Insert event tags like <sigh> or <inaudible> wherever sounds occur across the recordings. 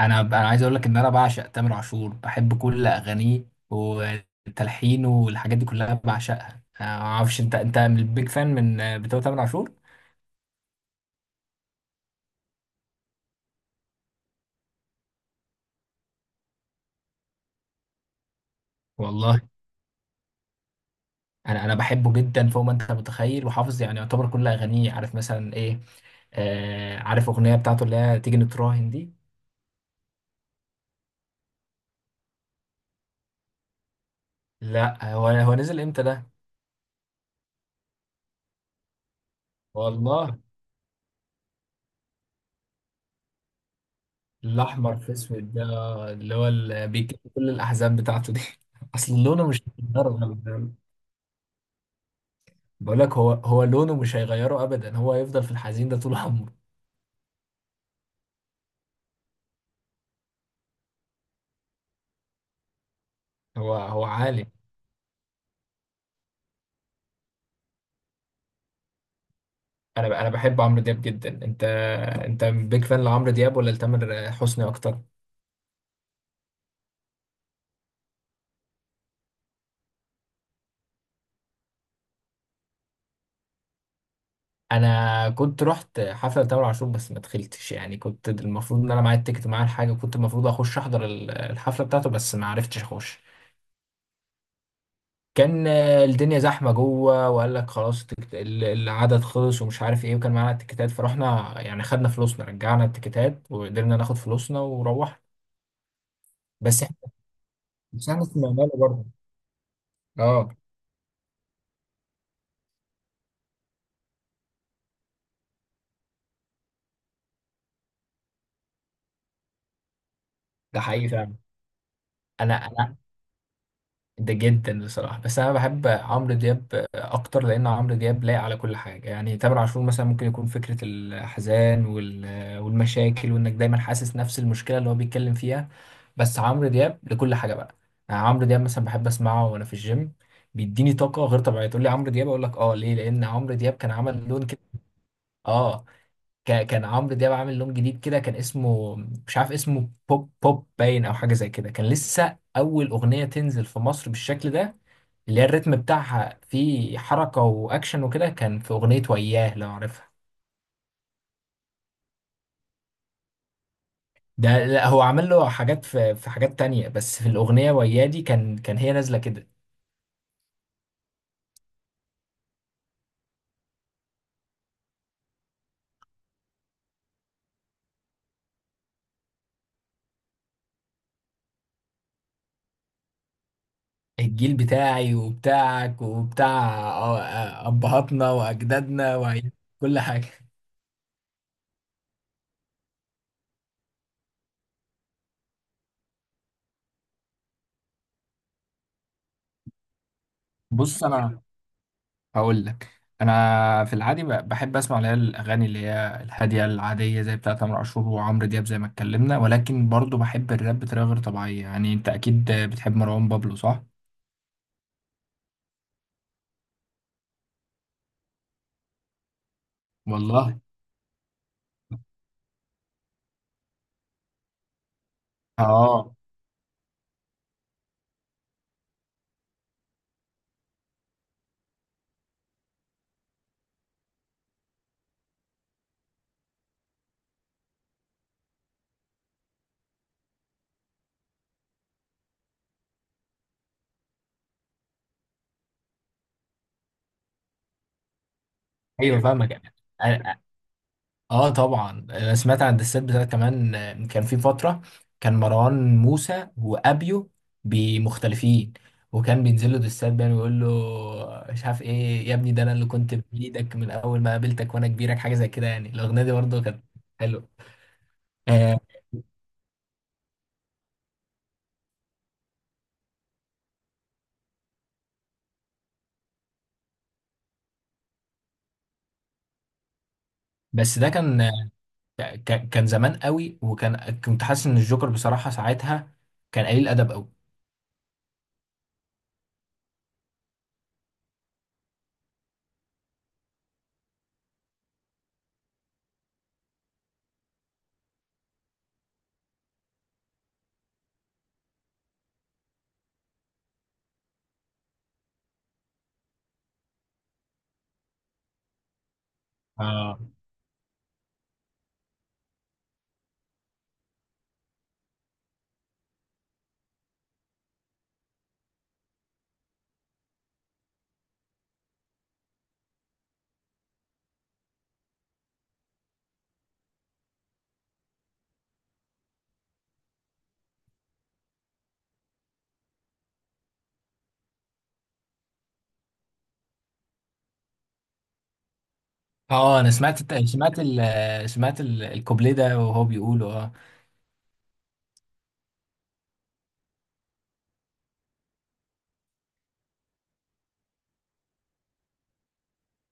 انا عايز اقول لك ان انا بعشق تامر عاشور، بحب كل اغانيه وتلحينه والحاجات دي كلها بعشقها. أنا ما اعرفش انت من البيج فان من بتوع تامر عاشور. والله انا بحبه جدا فوق ما انت متخيل، وحافظ يعني يعتبر كل اغانيه، عارف مثلا ايه. آه، عارف اغنيه بتاعته اللي هي تيجي نتراهن دي. لا، هو نزل امتى ده؟ والله الاحمر في اسود ده اللي هو اللي بيجيب كل الاحزاب بتاعته دي. <laughs> اصل لونه مش متدرب. بقول لك، هو لونه مش هيغيره ابدا، هو هيفضل في الحزين ده طول عمره. هو عالي. انا بحب عمرو دياب جدا. انت بيج فان لعمرو دياب ولا لتامر حسني اكتر؟ انا كنت رحت حفله تامر عاشور بس ما دخلتش، يعني كنت المفروض ان انا معايا التيكت، معايا الحاجه، كنت المفروض اخش احضر الحفله بتاعته بس ما عرفتش اخش. كان الدنيا زحمه جوه وقال لك خلاص العدد خلص ومش عارف ايه، وكان معانا التيكتات فرحنا يعني، خدنا فلوسنا، رجعنا التيكتات وقدرنا ناخد فلوسنا وروحنا. بس، بس انا كنت بعمله برضه. اه، ده حقيقي فعلا. انا ده جدا بصراحه، بس انا بحب عمرو دياب اكتر لان عمرو دياب لايق على كل حاجه. يعني تامر عاشور مثلا ممكن يكون فكره الحزان والمشاكل وانك دايما حاسس نفس المشكله اللي هو بيتكلم فيها. بس عمرو دياب لكل حاجه بقى. يعني عمرو دياب مثلا بحب اسمعه وانا في الجيم، بيديني طاقه غير طبيعيه. تقول لي عمرو دياب، اقول لك اه، ليه؟ لان عمرو دياب كان عمل لون كده. اه، كان عمرو دياب عامل لون جديد كده، كان اسمه، مش عارف اسمه، بوب بوب باين او حاجه زي كده، كان لسه اول اغنيه تنزل في مصر بالشكل ده، اللي هي الريتم بتاعها فيه حركه واكشن وكده. كان في اغنيه وياه، لو عارفها. ده لا، هو عمل له حاجات في حاجات تانية، بس في الاغنيه وياه دي كان هي نازله كده. الجيل بتاعي وبتاعك وبتاع ابهاتنا واجدادنا وكل حاجه. بص انا هقول لك، انا في العادي بحب اسمع اللي هي الاغاني اللي هي الهاديه العاديه زي بتاعه تامر عاشور وعمرو دياب زي ما اتكلمنا، ولكن برضو بحب الراب بطريقه غير طبيعيه. يعني انت اكيد بتحب مروان بابلو، صح؟ والله. اه، ايوه فاهمك. أ- اه طبعا انا سمعت عن الدسات بتاعت كمان. كان في فتره كان مروان موسى وابيو بمختلفين، وكان بينزل له دسات بقى ويقول له، مش عارف ايه يا ابني ده انا اللي كنت بايدك من اول ما قابلتك وانا كبيرك، حاجه زي كده يعني. الاغنيه دي برضه كانت حلوه. آه، بس ده كان كان زمان قوي، وكان كنت حاسس ان الجوكر بصراحه ساعتها كان قليل ادب قوي. اه، اه انا سمعت سمعت سمعت الكوبليه ده وهو بيقوله آه.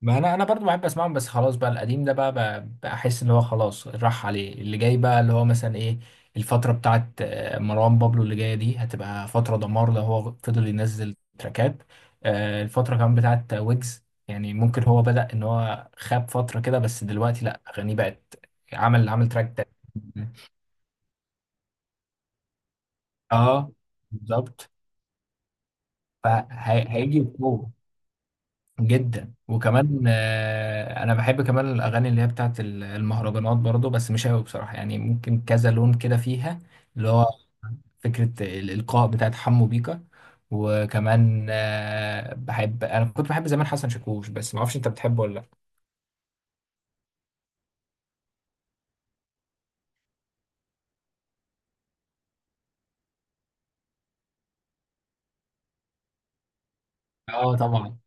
ما انا برضو بحب اسمعهم، بس خلاص بقى القديم ده، بقى احس ان هو خلاص راح عليه، اللي جاي بقى اللي هو مثلا ايه، الفتره بتاعت مروان بابلو اللي جايه دي هتبقى فتره دمار لو هو فضل ينزل تراكات. الفتره كمان بتاعت ويجز، يعني ممكن هو بدأ ان هو خاب فتره كده بس دلوقتي لا، اغانيه بقت، عمل تراك تاني. اه بالظبط. فهيجي بقوه. جدا. وكمان انا بحب كمان الاغاني اللي هي بتاعت المهرجانات برضو، بس مش قوي بصراحه. يعني ممكن كذا لون كده فيها، اللي هو فكره الالقاء بتاعت حمو بيكا. وكمان بحب، انا كنت بحب زمان حسن شاكوش، بس ما اعرفش انت بتحبه ولا لا. اه طبعا،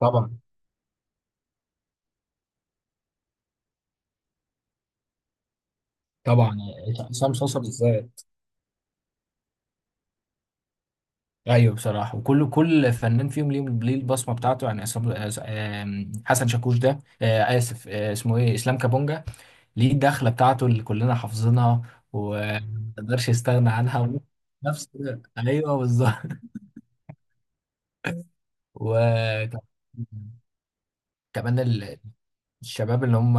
طبعا طبعا. عصام صوصه بالذات. ايوه بصراحه، وكل فنان فيهم ليه البصمه بتاعته، يعني حسن شاكوش ده، اسف، اسمه ايه، اسلام كابونجا، ليه الدخلة بتاعته اللي كلنا حافظينها ومقدرش يستغنى عنها، نفس، ايوه بالظبط. وكمان ال- الشباب اللي هم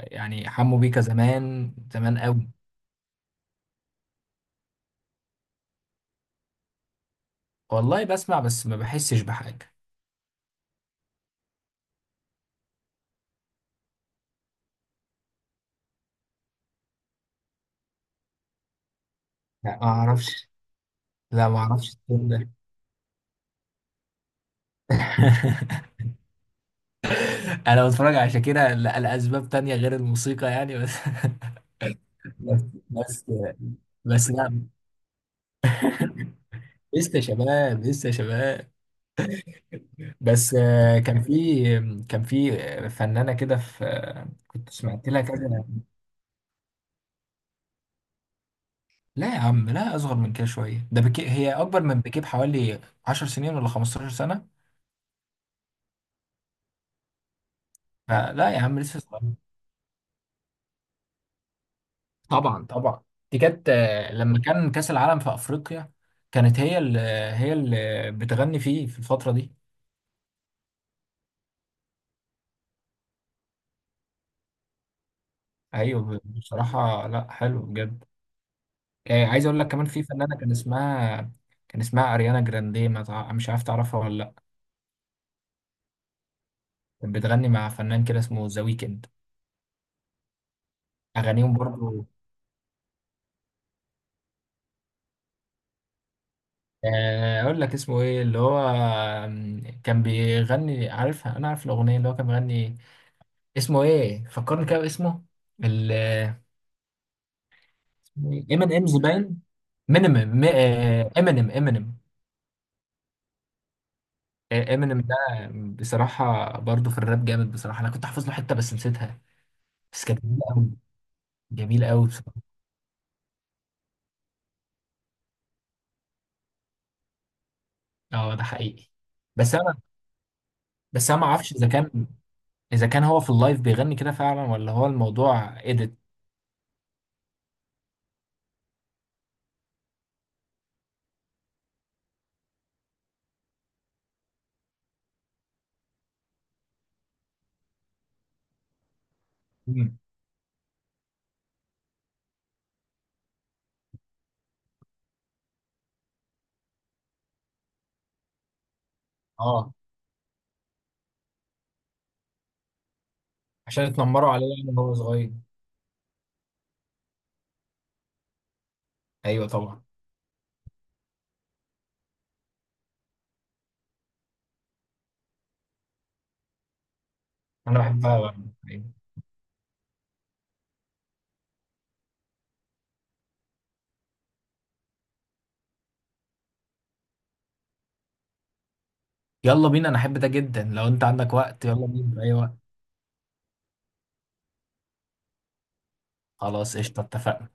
يعني، حموا بيكا، زمان قوي. والله بسمع بس ما بحسش بحاجة. لا، ما اعرفش. لا، ما اعرفش التون ده. <laughs> انا بتفرج على شاكيرا لاسباب تانية غير الموسيقى يعني. بس <laughs> بس، بس. بس لا، لسه شباب، لسه شباب. بس كان في، كان في فنانة كده في، كنت سمعت لها كذا. لا يا عم، لا، أصغر من كده شوية. ده بكي هي أكبر من بكي بحوالي 10 سنين ولا 15 سنة. فلا يا عم، لسه صغير. طبعا طبعا. دي كانت لما كان كأس العالم في أفريقيا، كانت هي اللي، هي اللي بتغني فيه في الفترة دي. أيوه بصراحة، لا، حلو بجد. عايز أقول لك كمان، في فنانة كان اسمها أريانا جراندي، ما تع- مش عارف تعرفها ولا لأ. كانت بتغني مع فنان كده اسمه ذا ويكند، اغانيهم برضو. اقول لك اسمه ايه اللي هو، كان بيغني، عارف انا عارف الاغنيه اللي هو كان بيغني، اسمه ايه فكرني كده باسمه، ال ام ان امز باين، مينيمم امينيم امينيم. امينيم ده بصراحه برضو في الراب جامد بصراحه، انا كنت حافظ له حته بس نسيتها. بس كانت جميله قوي، جميله قوي بصراحه. اه ده حقيقي. بس انا بس انا ما اعرفش اذا كان، اذا كان هو في اللايف بيغني كده فعلا ولا هو الموضوع اديت. مم. اه، عشان اتنمروا عليه يعني وهو صغير. ايوه طبعا. انا بحبها بقى. أيوة. يلا بينا، انا احب ده جدا، لو انت عندك وقت يلا بينا في اي وقت. خلاص قشطه، اتفقنا.